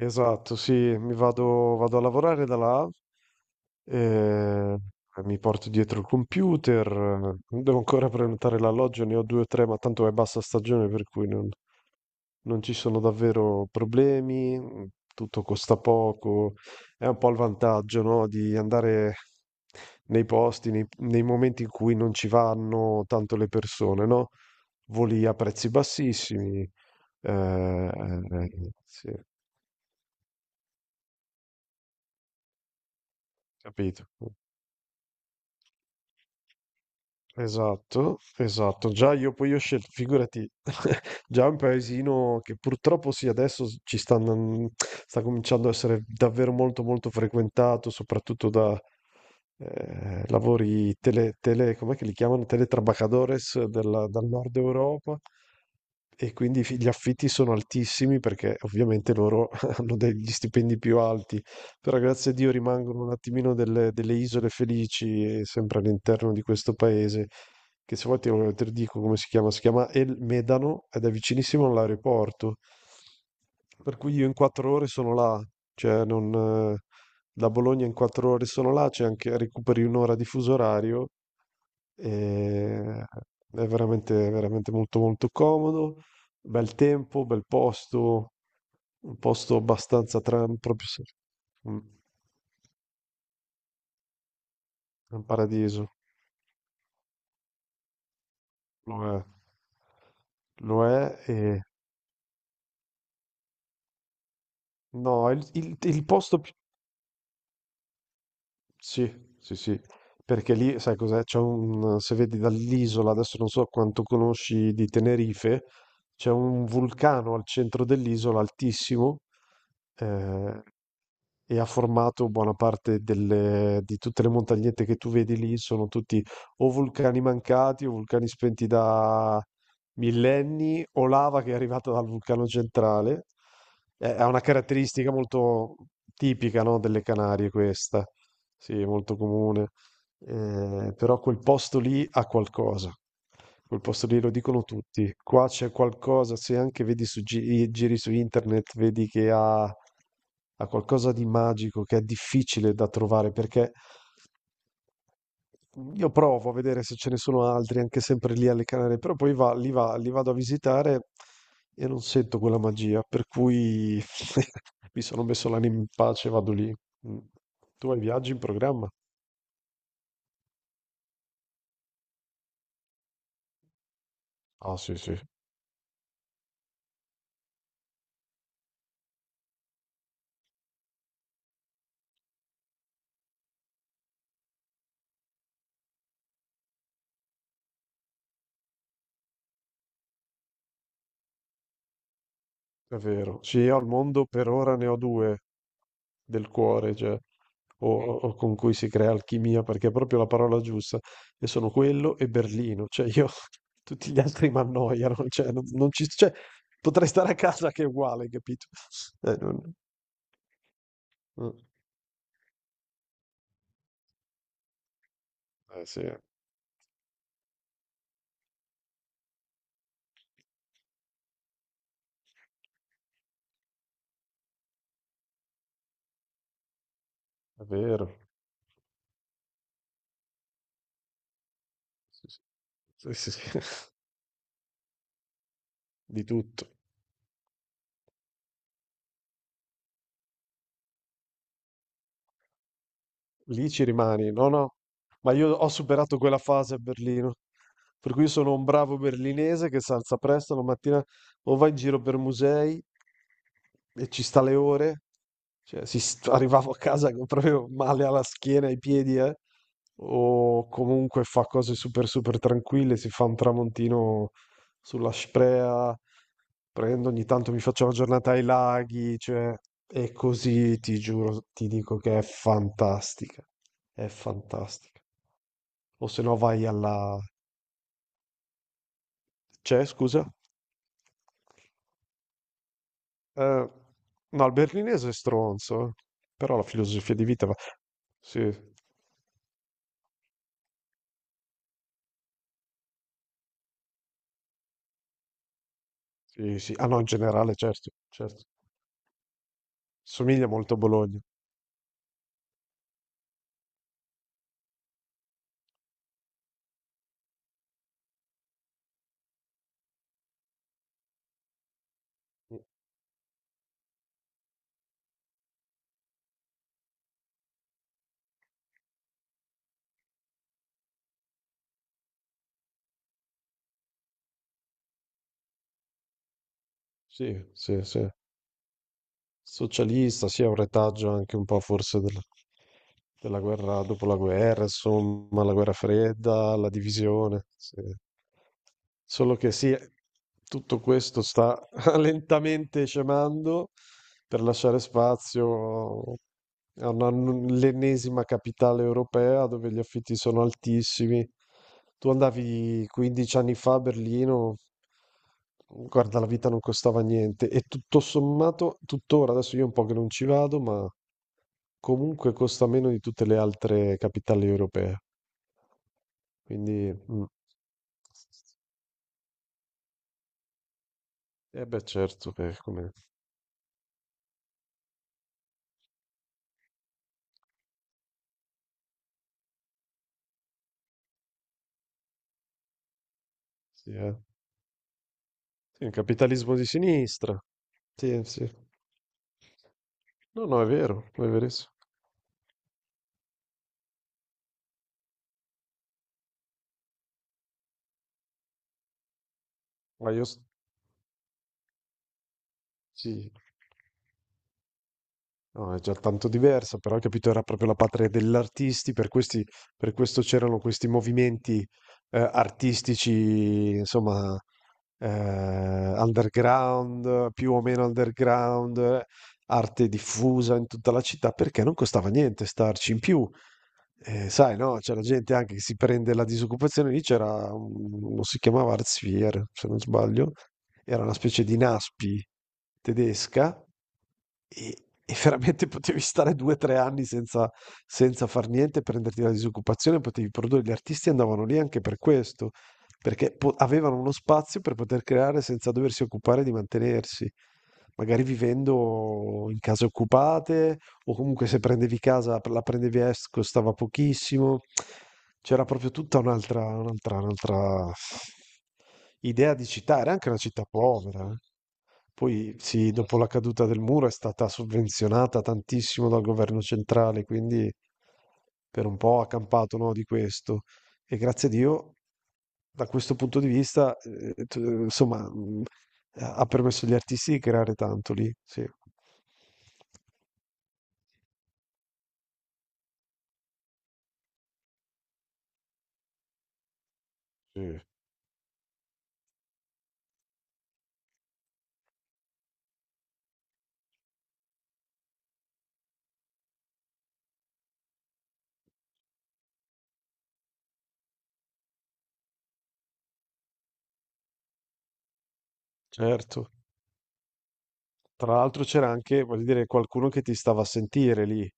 Esatto, sì, vado a lavorare da là, eh, mi porto dietro il computer, devo ancora prenotare l'alloggio, ne ho 2 o 3, ma tanto è bassa stagione per cui non ci sono davvero problemi, tutto costa poco, è un po' il vantaggio, no? Di andare nei momenti in cui non ci vanno tanto le persone, no? Voli a prezzi bassissimi, sì, capito. Esatto, esatto. Già io poi ho scelto, figurati, già un paesino che purtroppo sì, adesso sta cominciando a essere davvero molto molto frequentato, soprattutto da lavori com'è che li chiamano? Teletrabajadores dal nord Europa e quindi gli affitti sono altissimi perché ovviamente loro hanno degli stipendi più alti. Però grazie a Dio rimangono un attimino delle isole felici, e sempre all'interno di questo paese, che se vuoi te lo dico come si chiama El Medano ed è vicinissimo all'aeroporto. Per cui io in 4 ore sono là, cioè non, eh, da Bologna in 4 ore sono là, c'è anche recuperi 1 ora di fuso orario e è veramente, veramente molto molto comodo, bel tempo, bel posto, un posto abbastanza tran proprio se- mm, è un paradiso, lo è, lo è e no, il posto più sì, sì, sì, perché lì, sai cos'è? C'è un, se vedi dall'isola, adesso non so quanto conosci di Tenerife, c'è un vulcano al centro dell'isola altissimo, eh, e ha formato buona parte di tutte le montagnette che tu vedi lì, sono tutti o vulcani mancati o vulcani spenti da millenni o lava che è arrivata dal vulcano centrale. Ha una caratteristica molto tipica, no, delle Canarie questa, sì, molto comune. Però quel posto lì ha qualcosa. Quel posto lì lo dicono tutti. Qua c'è qualcosa, se anche vedi su giri su internet, vedi che ha qualcosa di magico che è difficile da trovare perché io provo a vedere se ce ne sono altri, anche sempre lì alle Canarie, però poi li vado a visitare e non sento quella magia, per cui mi sono messo l'anima in pace e vado lì. Mm. Tu hai viaggi in programma? Ah, sì, sì. È vero. Sì, io al mondo per ora ne ho due del cuore, cioè, o con cui si crea alchimia, perché è proprio la parola giusta. E sono quello e Berlino. Cioè, io tutti gli altri mi annoiano. Cioè, non, non ci, cioè, potrei stare a casa che è uguale, capito? Eh, non- mm. Sì, è vero. Sì, sì. Sì, sì, sì. Di tutto. Lì ci rimani, no, no. Ma io ho superato quella fase a Berlino. Per cui sono un bravo berlinese che si alza presto la mattina o va in giro per musei e ci sta le ore. Cioè, arrivavo a casa con proprio male alla schiena, ai piedi, eh. O comunque fa cose super super tranquille, si fa un tramontino sulla Sprea, prendo ogni tanto mi faccio una giornata ai laghi, cioè e così ti giuro, ti dico che è fantastica, è fantastica. O se no vai alla... C'è, scusa? Eh, no, il berlinese è stronzo, eh. Però la filosofia di vita va... Sì, sì, sì. Ah no, in generale, certo, certo. Somiglia molto a Bologna. Sì, sì, sì. Socialista, sì, ha un retaggio anche un po' forse della guerra dopo la guerra, insomma, la guerra fredda, la divisione. Sì. Solo che sì, tutto questo sta lentamente scemando per lasciare spazio a l'ennesima capitale europea dove gli affitti sono altissimi. Tu andavi 15 anni fa a Berlino, guarda, la vita non costava niente e tutto sommato, tuttora, adesso io un po' che non ci vado, ma comunque costa meno di tutte le altre capitali europee. Quindi, mm. Eh beh, certo, come... Sì, eh. Sì, un capitalismo di sinistra. Sì, sì. No, no, è vero, è verissimo. Ma io s- sì, no, è già tanto diversa, però capito, era proprio la patria degli artisti, per questi, per questo c'erano questi movimenti artistici, insomma, underground, più o meno underground, arte diffusa in tutta la città, perché non costava niente starci. In più, eh, sai, no, c'è la gente anche che si prende la disoccupazione, lì c'era, uno si chiamava Arztvier, se non sbaglio, era una specie di Naspi tedesca e, e veramente potevi stare 2 o 3 anni senza far niente, prenderti la disoccupazione, potevi produrre. Gli artisti andavano lì anche per questo, perché avevano uno spazio per poter creare senza doversi occupare di mantenersi. Magari vivendo in case occupate, o comunque se prendevi casa, la prendevi a est, costava pochissimo. C'era proprio un'altra idea di città, era anche una città povera. Eh. Poi sì, dopo la caduta del muro è stata sovvenzionata tantissimo dal governo centrale, quindi per un po' ha campato, no, di questo. E grazie a Dio, da questo punto di vista, insomma, ha permesso agli artisti di creare tanto lì, sì. Sì. Certo. Tra l'altro c'era anche, voglio dire, qualcuno che ti stava a sentire lì.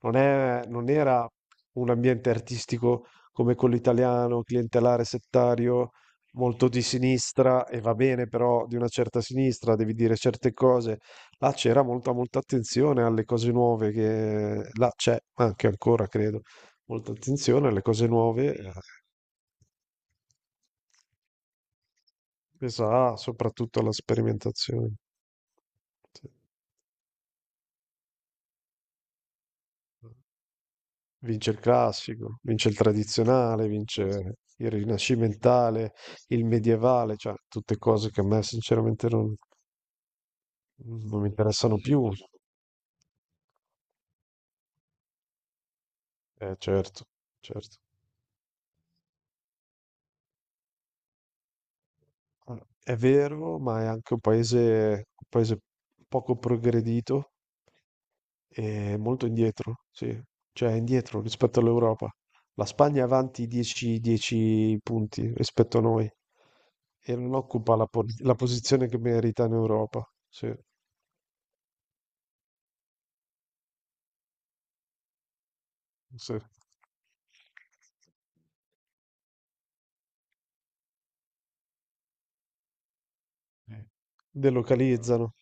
Non era un ambiente artistico come quello italiano, clientelare, settario, molto di sinistra, e va bene, però di una certa sinistra, devi dire certe cose. Là c'era molta, molta attenzione alle cose nuove che là c'è anche ancora, credo molta attenzione alle cose nuove, pesa soprattutto alla sperimentazione. Sì. Vince il classico, vince il tradizionale, vince il rinascimentale, il medievale, cioè tutte cose che a me sinceramente non mi interessano più. Certo, certo. È vero, ma è anche un paese poco progredito. È molto indietro, sì, cioè è indietro rispetto all'Europa. La Spagna è avanti 10, 10 punti rispetto a noi e non occupa la posizione che merita in Europa. Sì, sì. Eh, delocalizzano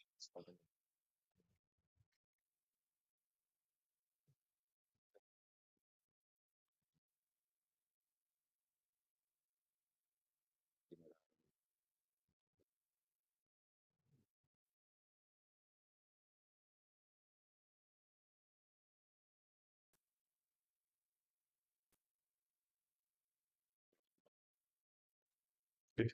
sì.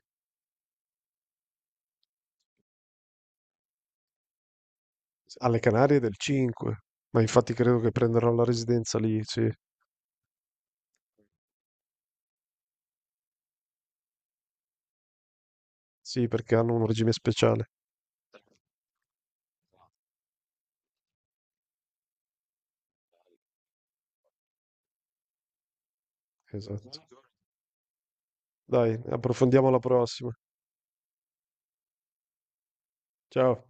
Alle Canarie del 5, ma infatti credo che prenderò la residenza lì, sì, sì, perché hanno un regime speciale. Esatto. Dai, approfondiamo la prossima. Ciao.